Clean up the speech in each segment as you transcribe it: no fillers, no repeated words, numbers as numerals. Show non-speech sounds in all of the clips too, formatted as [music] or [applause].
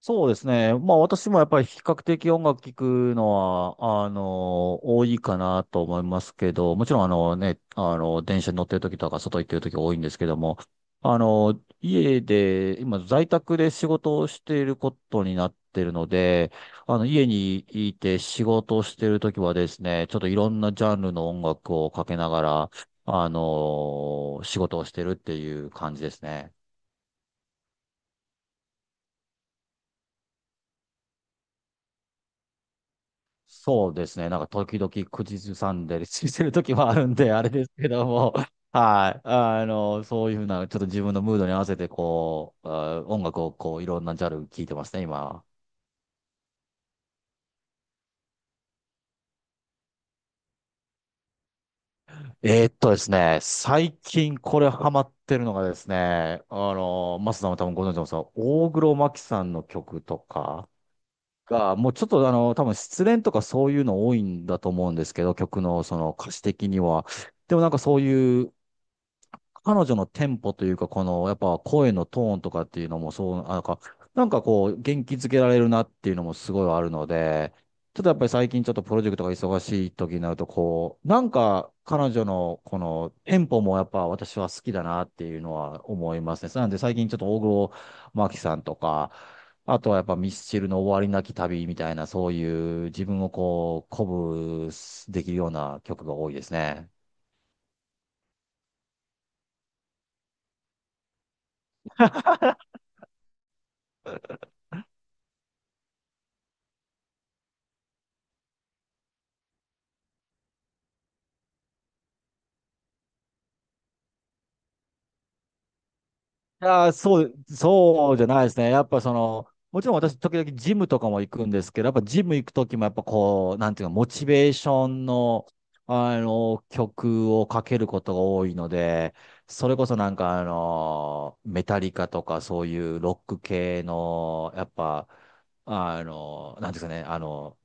そうですね。まあ私もやっぱり比較的音楽聴くのは、多いかなと思いますけど、もちろん電車に乗ってる時とか外行ってる時多いんですけども、家で、今在宅で仕事をしていることになってるので、家にいて仕事をしている時はですね、ちょっといろんなジャンルの音楽をかけながら、仕事をしてるっていう感じですね。そうですね。なんか時々口ずさんでりしてる時もあるんで、あれですけども、[laughs] はい。そういうふうな、ちょっと自分のムードに合わせて、こう、音楽をこう、いろんなジャンル聴いてますね、今。ですね、最近これハマってるのがですね、マスさんも多分ご存知のさ、大黒摩季さんの曲とかが、もうちょっと多分失恋とかそういうの多いんだと思うんですけど、曲のその歌詞的には。でもなんかそういう彼女のテンポというか、この、やっぱ声のトーンとかっていうのもそう、なんかこう、元気づけられるなっていうのもすごいあるので、ちょっとやっぱり最近ちょっとプロジェクトが忙しい時になると、こう、なんか彼女のこのテンポもやっぱ私は好きだなっていうのは思いますね。なんで最近ちょっと大黒摩季さんとか、あとはやっぱミスチルの終わりなき旅みたいな、そういう自分をこう、鼓舞できるような曲が多いですね。いやー、そうじゃないですね。やっぱその、もちろん私、時々ジムとかも行くんですけど、やっぱジム行く時も、やっぱこう、なんていうか、モチベーションの、曲をかけることが多いので、それこそなんか、メタリカとか、そういうロック系の、やっぱ、なんていうんですかね、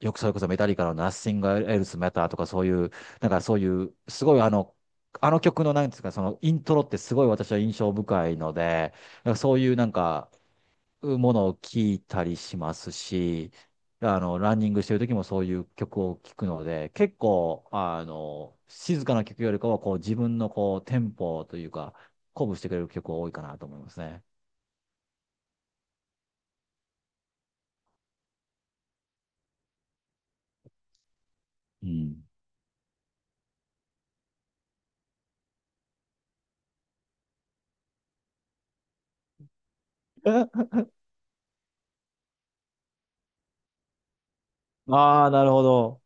よくそれこそメタリカのナッシングエルスマターとかそういう、なんかそういう、すごいあの曲のなんですか、そのイントロってすごい私は印象深いので、なんかそういうなんか、ものを聞いたりしますし、ランニングしてる時もそういう曲を聴くので、結構、静かな曲よりかは、こう自分のこうテンポというか、鼓舞してくれる曲が多いかなと思いますね。うん。[laughs] ああ、なるほど。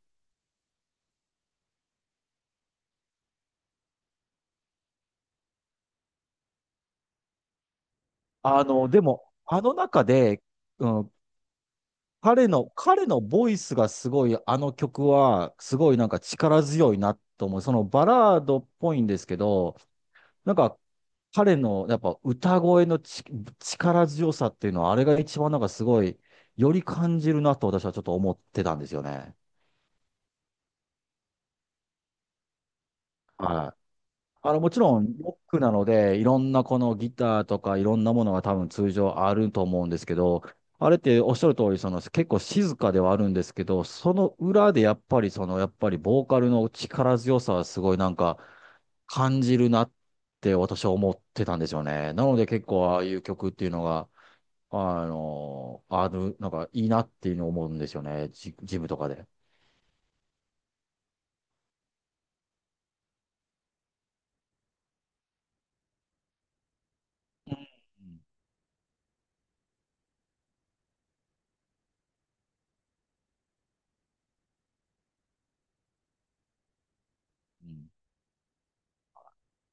でも、あの中で、うん彼のボイスがすごい、あの曲は、すごいなんか力強いなと思う。そのバラードっぽいんですけど、なんか彼のやっぱ歌声の力強さっていうのは、あれが一番なんかすごい、より感じるなと私はちょっと思ってたんですよね。はい。もちろん、ロックなので、いろんなこのギターとかいろんなものが多分通常あると思うんですけど、あれっておっしゃる通り、その結構静かではあるんですけど、その裏でやっぱりその、やっぱりボーカルの力強さはすごいなんか感じるなって私は思ってたんですよね。なので結構ああいう曲っていうのが、ある、なんかいいなっていうのを思うんですよね。ジムとかで。うんうん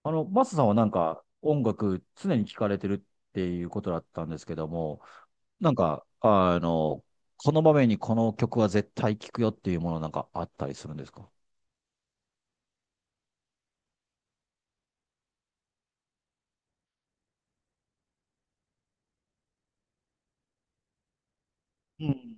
マスさんはなんか音楽常に聴かれてるっていうことだったんですけども、なんか、この場面にこの曲は絶対聴くよっていうものなんかあったりするんですか？うん。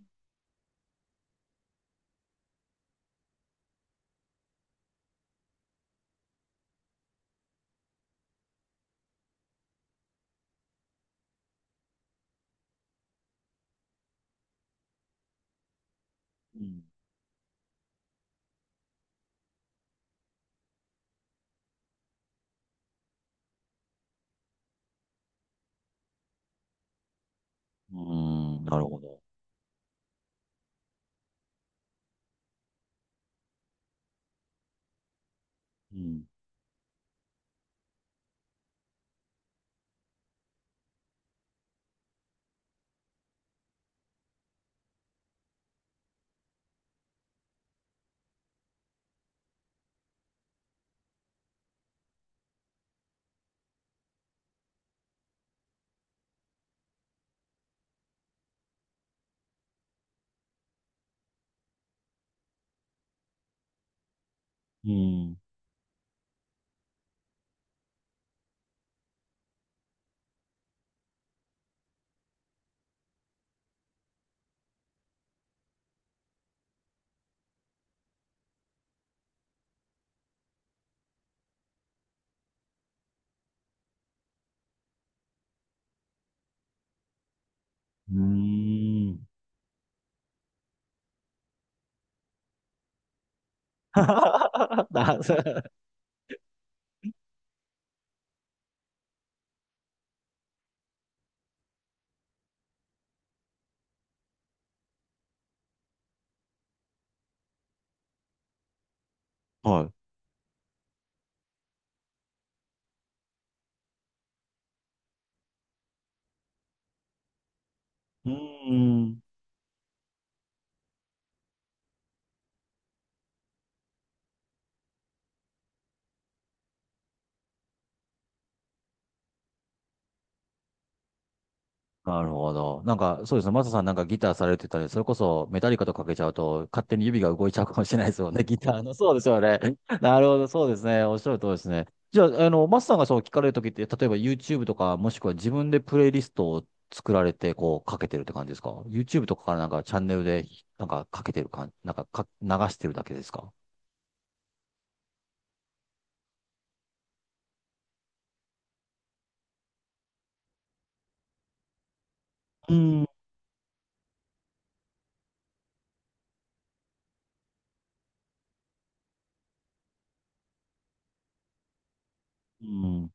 うん。うーん、なるほど。うん。うん。うーん。[laughs] な [laughs] はい。うーん。なるほど。なんか、そうですね。マサさんなんかギターされてたり、それこそメタリカとかけちゃうと、勝手に指が動いちゃうかもしれないですよね。[laughs] ギターの。そうですよね。[laughs] なるほど。そうですね。おっしゃる通りですね。じゃあ、マサさんがそう聞かれるときって、例えば YouTube とか、もしくは自分でプレイリストを作られて、こう、かけてるって感じですか ?YouTube とかからなんかチャンネルで、なんかかけてる感じ、なんか、流してるだけですか？うん。うん。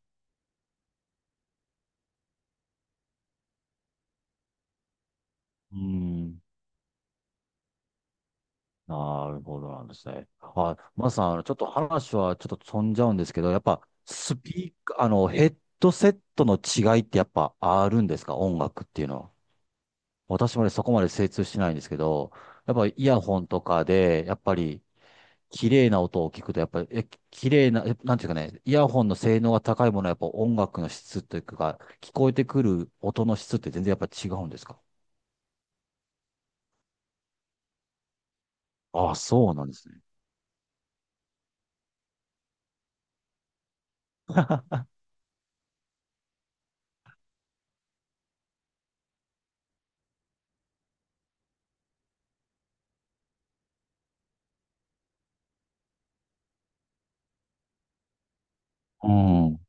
うん。なるほどなんですね。あ、まずさん、ちょっと話はちょっと飛んじゃうんですけど、やっぱスピーカー、ヘッドセットの違いってやっぱあるんですか音楽っていうのは。私もね、そこまで精通してないんですけど、やっぱイヤホンとかで、やっぱり綺麗な音を聞くと、やっぱり、綺麗な、なんていうかね、イヤホンの性能が高いものはやっぱ音楽の質というか、聞こえてくる音の質って全然やっぱ違うんですかあ、そうなんですね。うん。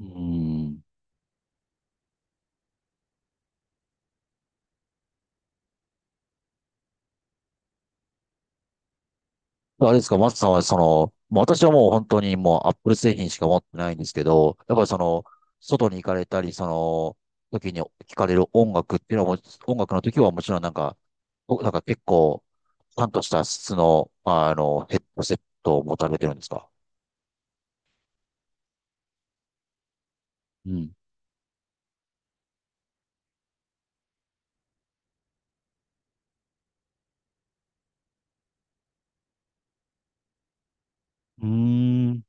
うん。あれですか、松さんはその、もう私はもう本当にもうアップル製品しか持ってないんですけど、やっぱりその、外に行かれたり、その、時に聞かれる音楽っていうのはもち、音楽の時はもちろんなんか、なんか結構、ちゃんとした質の、ヘッドセットを持たれてるんですか？うん。うーん。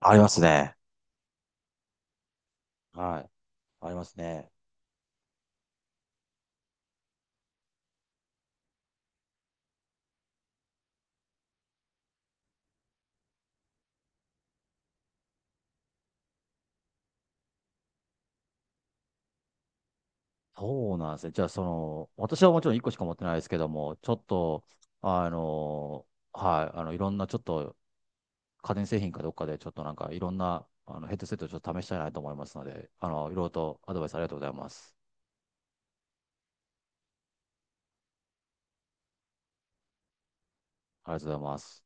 ありますね。はい。ありますね。そうなんですね。じゃあ、その、私はもちろん1個しか持ってないですけども、ちょっと、あの、はい、いろんなちょっと家電製品かどっかでちょっとなんかいろんなヘッドセットをちょっと試したいなと思いますので、いろいろとアドバイスありがとうございます。ありがとうございます。